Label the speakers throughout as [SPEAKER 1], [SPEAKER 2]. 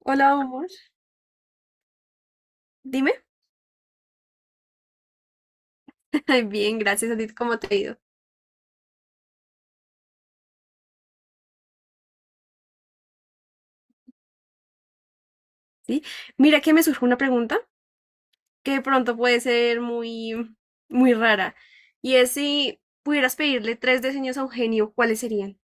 [SPEAKER 1] Hola, amor. Dime. Bien, gracias a ti. ¿Cómo te ha ido? Sí. Mira que me surge una pregunta que de pronto puede ser muy rara. Y es si pudieras pedirle tres diseños a Eugenio, ¿cuáles serían?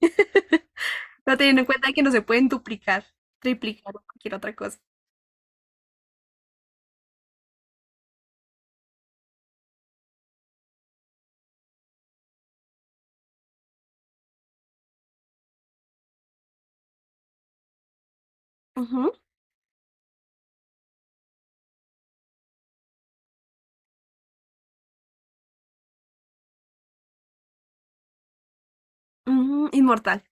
[SPEAKER 1] Pero teniendo en cuenta que no se pueden duplicar, triplicar o cualquier otra cosa. Ujú, ujú, inmortal.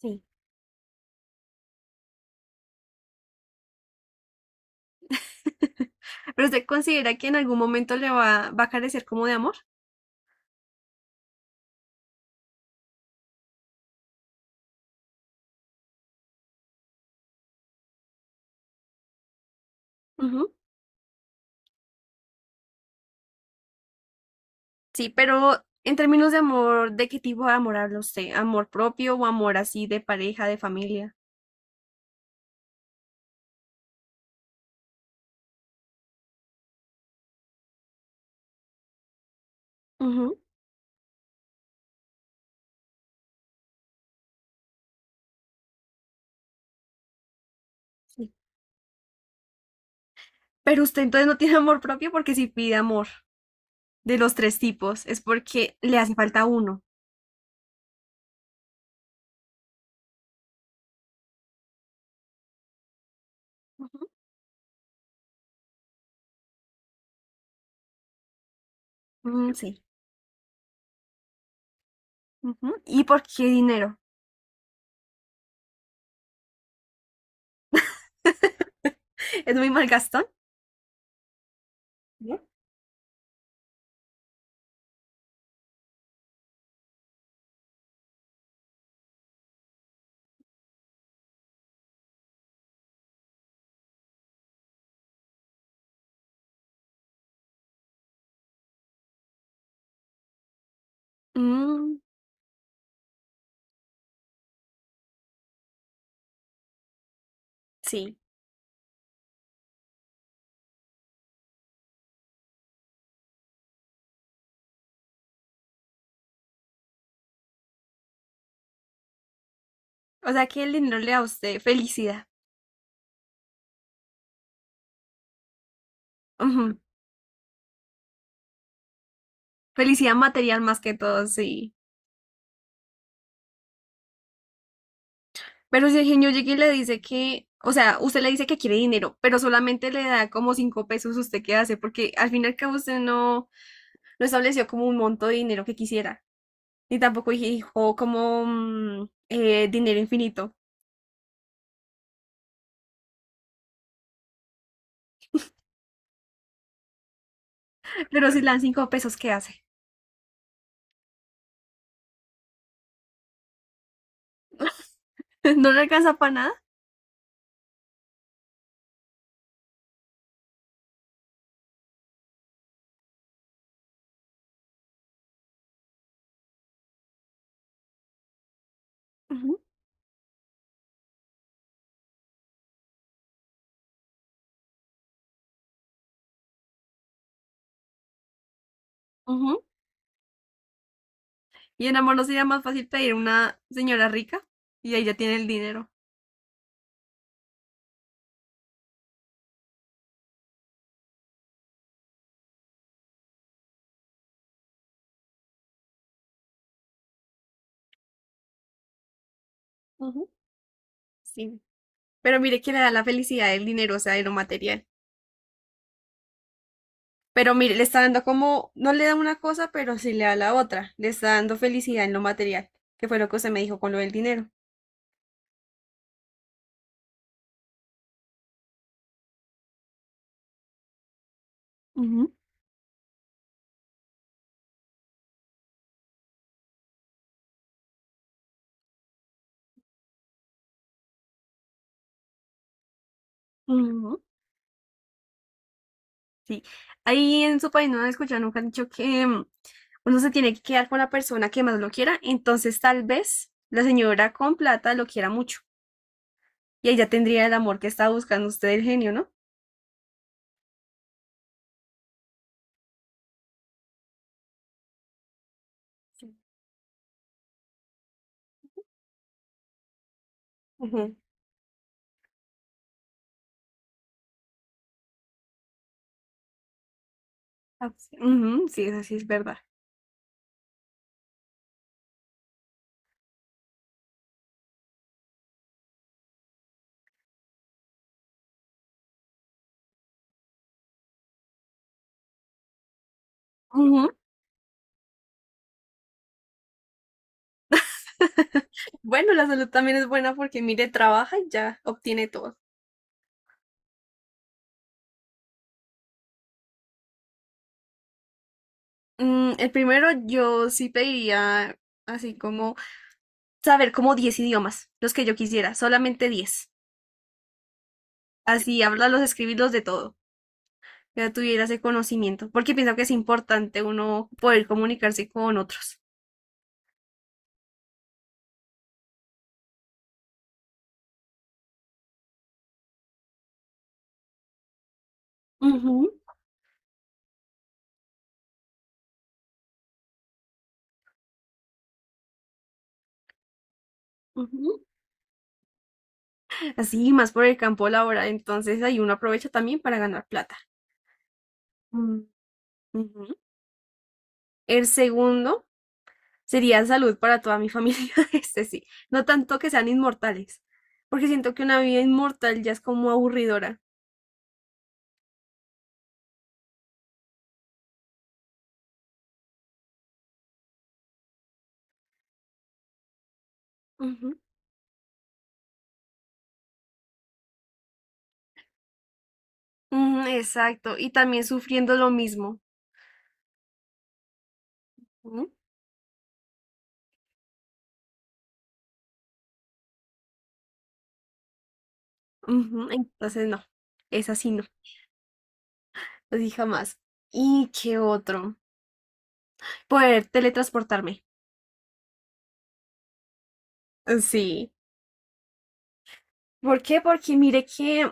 [SPEAKER 1] Sí. Pero usted considera que en algún momento le va a carecer como de amor. Ujú. Sí, pero en términos de amor, ¿de qué tipo de amor habla usted? ¿Amor propio o amor así de pareja, de familia? Ujú, sí. Pero usted entonces no tiene amor propio, porque si pide amor de los tres tipos es porque le hace falta uno. Ujú. Mm, sí. Ujú. ¿Y por qué dinero? ¿Es muy malgastón? ¿No? Mm, sí. O sea que el dinero le da a usted felicidad. Felicidad material más que todo, sí. Pero si el genio llega y le dice que, o sea, usted le dice que quiere dinero, pero solamente le da como 5 pesos, ¿usted qué hace? Porque al fin y al cabo usted no, no estableció como un monto de dinero que quisiera. Ni tampoco dijo como dinero infinito. Pero si le dan 5 pesos, ¿qué hace? ¿No le alcanza para nada? Ujú, ujú. Y en amor, ¿no sería más fácil pedir una señora rica y ella tiene el dinero? Ujú, sí. Pero mire que le da la felicidad el dinero, o sea, de lo material. Pero mire, le está dando como, no le da una cosa, pero sí le da la otra. Le está dando felicidad en lo material, que fue lo que usted me dijo con lo del dinero. Ujú, ujú, sí. Ahí en su país no han escuchado, nunca han dicho que uno se tiene que quedar con la persona que más lo quiera. Entonces, tal vez la señora con plata lo quiera mucho. Y ella tendría el amor que está buscando usted, el genio, ¿no? Sí. Ujú. Ah, sí. Ujú, sí, eso sí es verdad. Ujú. Bueno, la salud también es buena porque mire, trabaja y ya obtiene todo. Mm, el primero yo sí pediría así como saber como 10 idiomas, los que yo quisiera, solamente 10. Así hablarlos, escribirlos, de todo, que ya tuviera ese conocimiento, porque pienso que es importante uno poder comunicarse con otros. Ujú, ujú. Así, más por el campo laboral, entonces ahí uno aprovecha también para ganar plata. Mm. Ujú. El segundo sería salud para toda mi familia, este sí, no tanto que sean inmortales, porque siento que una vida inmortal ya es como aburridora. Ujú, ujú, exacto, y también sufriendo lo mismo, ¿no? Ujú. Entonces, no, es así, no, así jamás. ¿Y qué otro? Poder teletransportarme. Sí. ¿Por qué? Porque mire que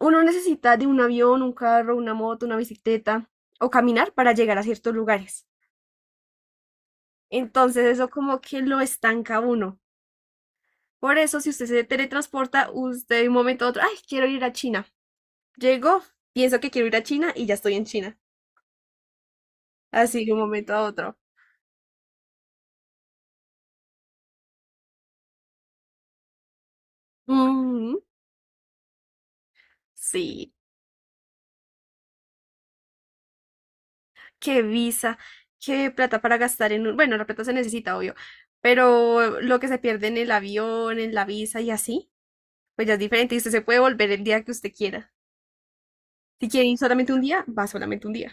[SPEAKER 1] uno necesita de un avión, un carro, una moto, una bicicleta o caminar para llegar a ciertos lugares. Entonces, eso como que lo estanca a uno. Por eso, si usted se teletransporta, usted de un momento a otro, ay, quiero ir a China. Llego, pienso que quiero ir a China y ya estoy en China. Así de un momento a otro. Ujú. Sí, qué visa, qué plata para gastar en un... Bueno, la plata se necesita, obvio, pero lo que se pierde en el avión, en la visa y así, pues ya es diferente y usted se puede volver el día que usted quiera. Si quiere ir solamente un día, va solamente un día.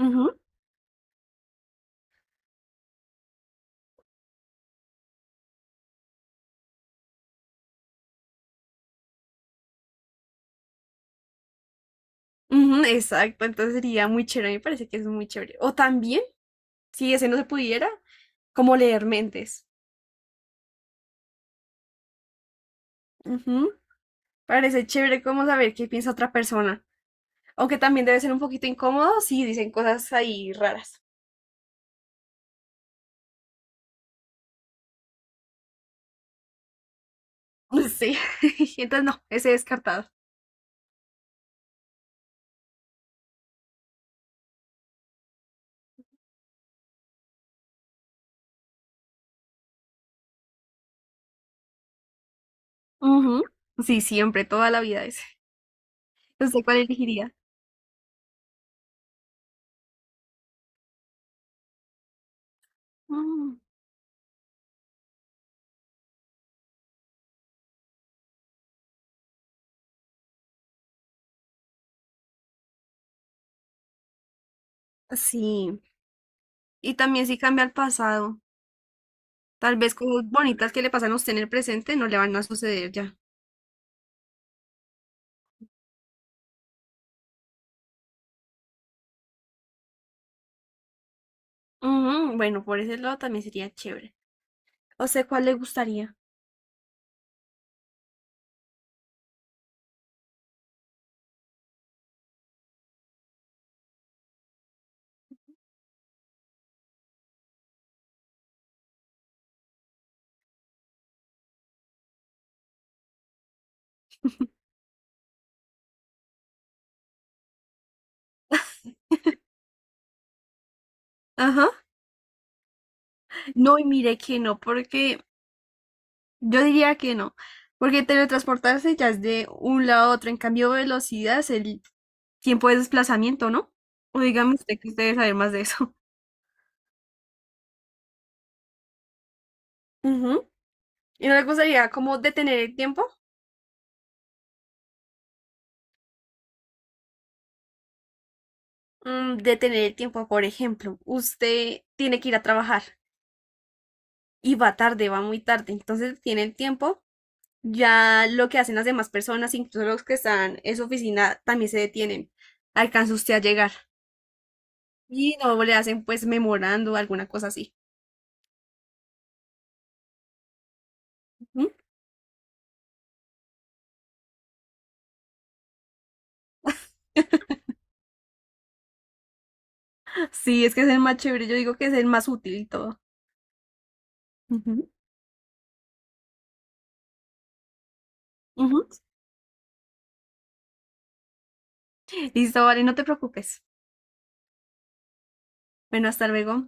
[SPEAKER 1] Ujú, ujú, exacto, entonces sería muy chévere, me parece que es muy chévere. O también, si ese no se pudiera, como leer mentes. Ujú, parece chévere como saber qué piensa otra persona. Aunque también debe ser un poquito incómodo si dicen cosas ahí raras. Sí, entonces no, ese descartado. Ujú. Sí, siempre, toda la vida ese. ¿Usted cuál elegiría? Mm. Sí, y también si cambia al pasado. Tal vez cosas bonitas que le pasan a usted en el presente no le van a suceder ya. Ujú, bueno, por ese lado también sería chévere. O sea, ¿cuál le gustaría? Ajá. No, y mire que no, porque yo diría que no. Porque teletransportarse ya es de un lado a otro. En cambio, velocidad es el tiempo de desplazamiento, ¿no? O dígame usted, que usted debe saber más de eso. Ujú. ¿Y no le gustaría como detener el tiempo? Mm, detener el tiempo, por ejemplo, usted tiene que ir a trabajar y va tarde, va muy tarde, entonces tiene el tiempo, ya lo que hacen las demás personas, incluso los que están en su oficina, también se detienen. Alcanza usted a llegar y no le hacen pues memorando alguna cosa así. Ujú. Sí, es que es el más chévere, yo digo que es el más útil y todo. Ujú, ujú. Listo, vale, no te preocupes. Bueno, hasta luego.